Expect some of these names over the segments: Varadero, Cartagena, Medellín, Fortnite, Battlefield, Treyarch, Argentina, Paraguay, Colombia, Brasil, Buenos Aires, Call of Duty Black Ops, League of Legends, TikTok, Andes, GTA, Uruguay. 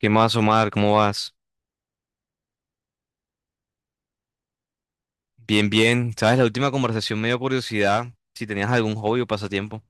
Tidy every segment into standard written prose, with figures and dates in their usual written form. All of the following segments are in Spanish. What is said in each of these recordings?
¿Qué más, Omar? ¿Cómo vas? Bien, bien. ¿Sabes? La última conversación me dio curiosidad si tenías algún hobby o pasatiempo.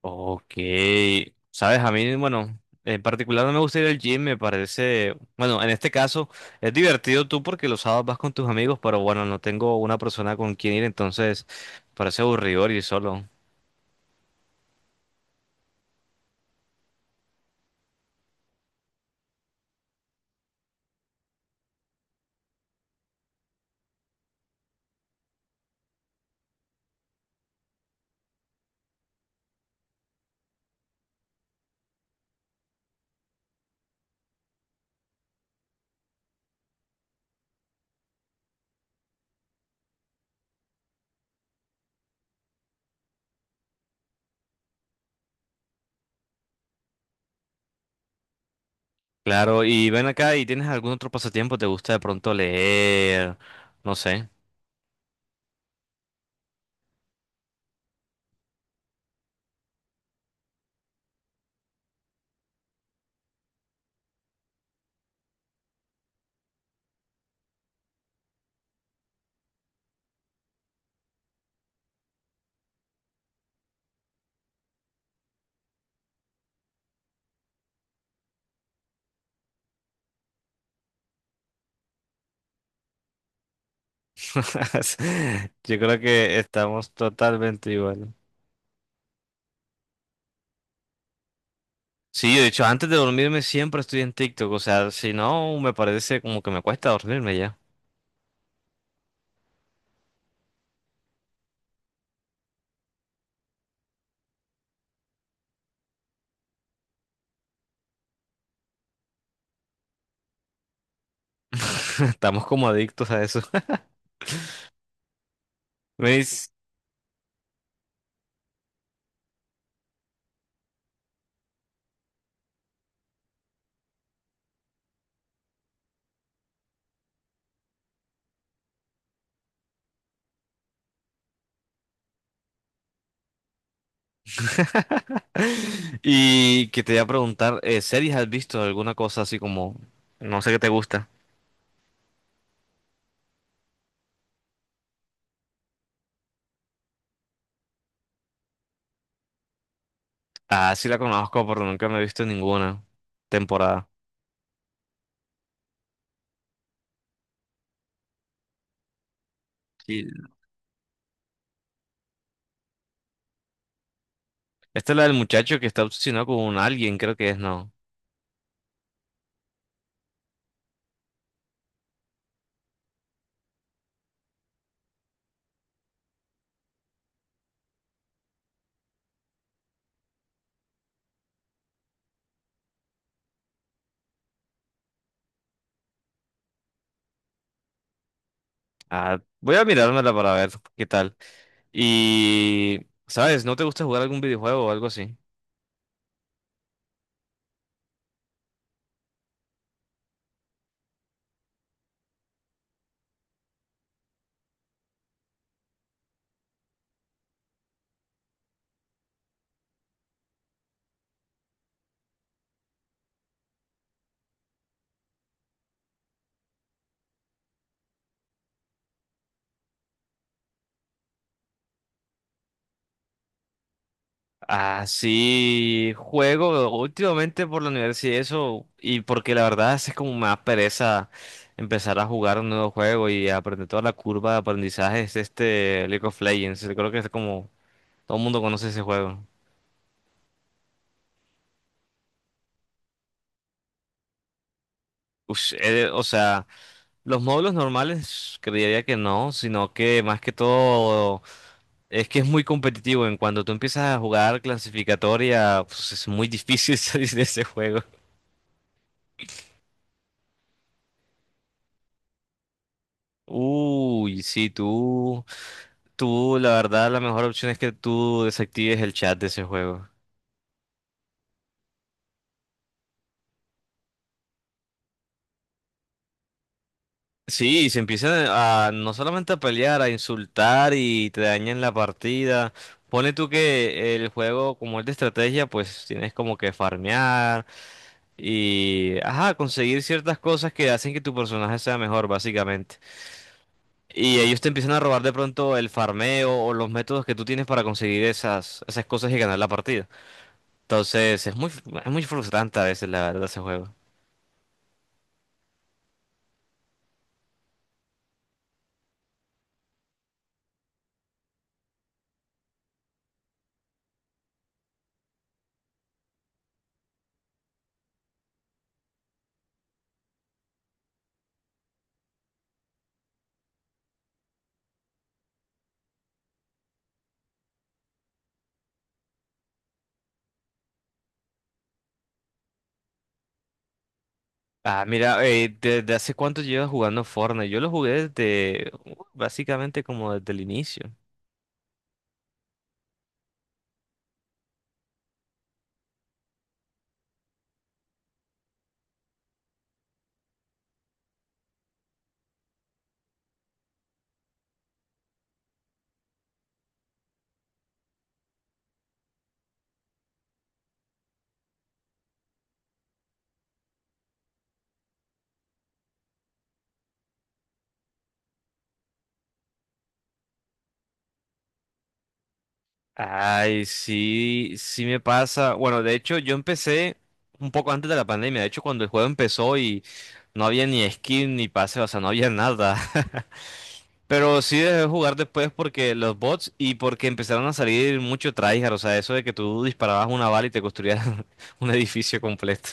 Ok. ¿Sabes? A mí, bueno, en particular no me gusta ir al gym, me parece, bueno, en este caso es divertido tú porque los sábados vas con tus amigos, pero bueno, no tengo una persona con quien ir, entonces parece aburrido ir solo. Claro, y ven acá y tienes algún otro pasatiempo, ¿te gusta de pronto leer? No sé. Yo creo que estamos totalmente igual. Sí, yo de hecho, antes de dormirme siempre estoy en TikTok, o sea, si no, me parece como que me cuesta dormirme ya. Estamos como adictos a eso. ¿Veis? Y que te voy a preguntar, ¿series has visto alguna cosa así como, no sé qué te gusta? Ah, sí la conozco, pero nunca me he visto ninguna temporada. Sí, esta es la del muchacho que está obsesionado con alguien, creo que es, no. Ah, voy a mirármela para ver qué tal. Y, ¿sabes? ¿No te gusta jugar algún videojuego o algo así? Ah, sí, juego últimamente por la universidad y eso, y porque la verdad es como me da pereza empezar a jugar un nuevo juego y aprender toda la curva de aprendizaje es este League of Legends. Creo que es como todo el mundo conoce ese juego. Ush, o sea, los módulos normales creería que no, sino que más que todo es que es muy competitivo. En cuanto tú empiezas a jugar clasificatoria, pues es muy difícil salir de ese juego. Uy, sí, tú. Tú, la verdad, la mejor opción es que tú desactives el chat de ese juego. Sí, y se empiezan a no solamente a pelear, a insultar y te dañan la partida. Pone tú que el juego, como es de estrategia, pues tienes como que farmear y, ajá, conseguir ciertas cosas que hacen que tu personaje sea mejor, básicamente. Y ellos te empiezan a robar de pronto el farmeo o los métodos que tú tienes para conseguir esas, esas cosas y ganar la partida. Entonces, es muy frustrante a veces, la verdad, ese juego. Ah, mira, ¿desde hace cuánto llevas jugando Fortnite? Yo lo jugué desde, básicamente como desde el inicio. Ay, sí, sí me pasa. Bueno, de hecho, yo empecé un poco antes de la pandemia. De hecho, cuando el juego empezó y no había ni skin ni pase, o sea, no había nada. Pero sí dejé de jugar después porque los bots y porque empezaron a salir mucho tryhard. O sea, eso de que tú disparabas una bala y te construías un edificio completo.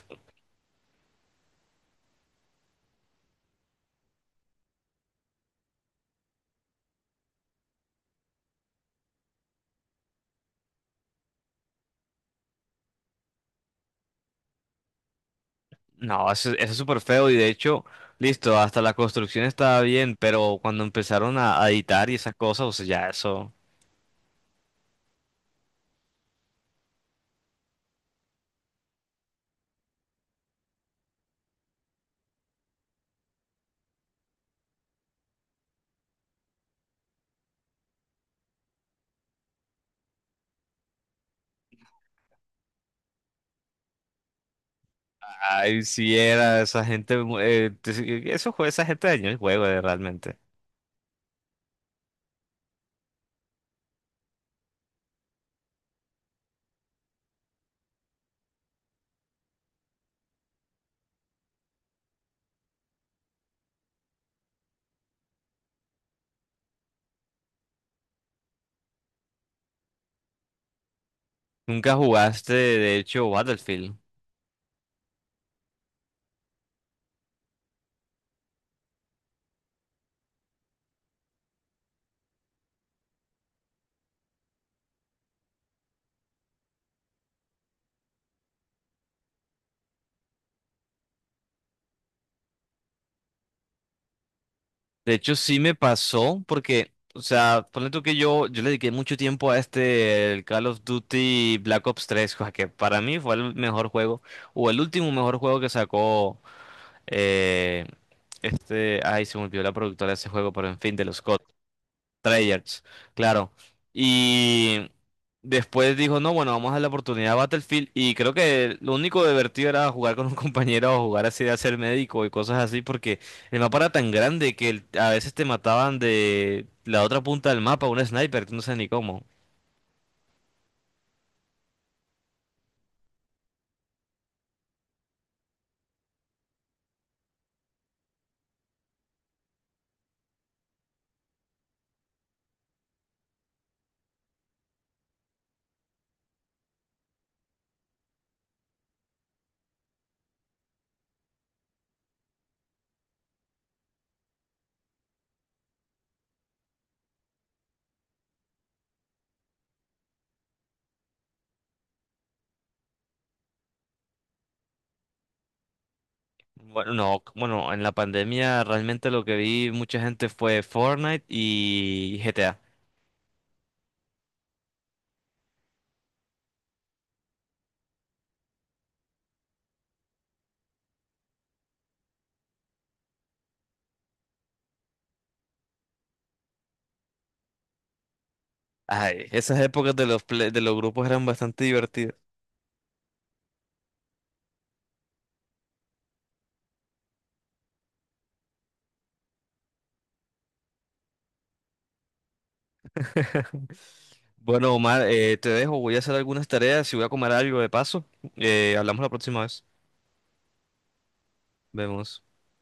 No, eso es súper feo y de hecho, listo, hasta la construcción estaba bien, pero cuando empezaron a editar y esas cosas, o sea, ya eso, ay, sí era esa gente, mu- te- eso fue esa gente dañó el juego realmente. Nunca jugaste, de hecho, Battlefield. De hecho, sí me pasó porque, o sea, ponle tú que yo le dediqué mucho tiempo a este, el Call of Duty Black Ops 3, cosa que para mí fue el mejor juego, o el último mejor juego que sacó eh, este, ay, se me olvidó la productora de ese juego, pero en fin, de los COD. Treyarch, claro. Y después dijo, no, bueno, vamos a darle la oportunidad a Battlefield. Y creo que lo único divertido era jugar con un compañero o jugar así de hacer médico y cosas así, porque el mapa era tan grande que el- a veces te mataban de la otra punta del mapa, un sniper, tú no sabes ni cómo. Bueno, no, bueno, en la pandemia realmente lo que vi mucha gente fue Fortnite y GTA. Ay, esas épocas de los, play- de los grupos eran bastante divertidas. Bueno, Omar, te dejo, voy a hacer algunas tareas y voy a comer algo de paso. Hablamos la próxima vez. Vemos.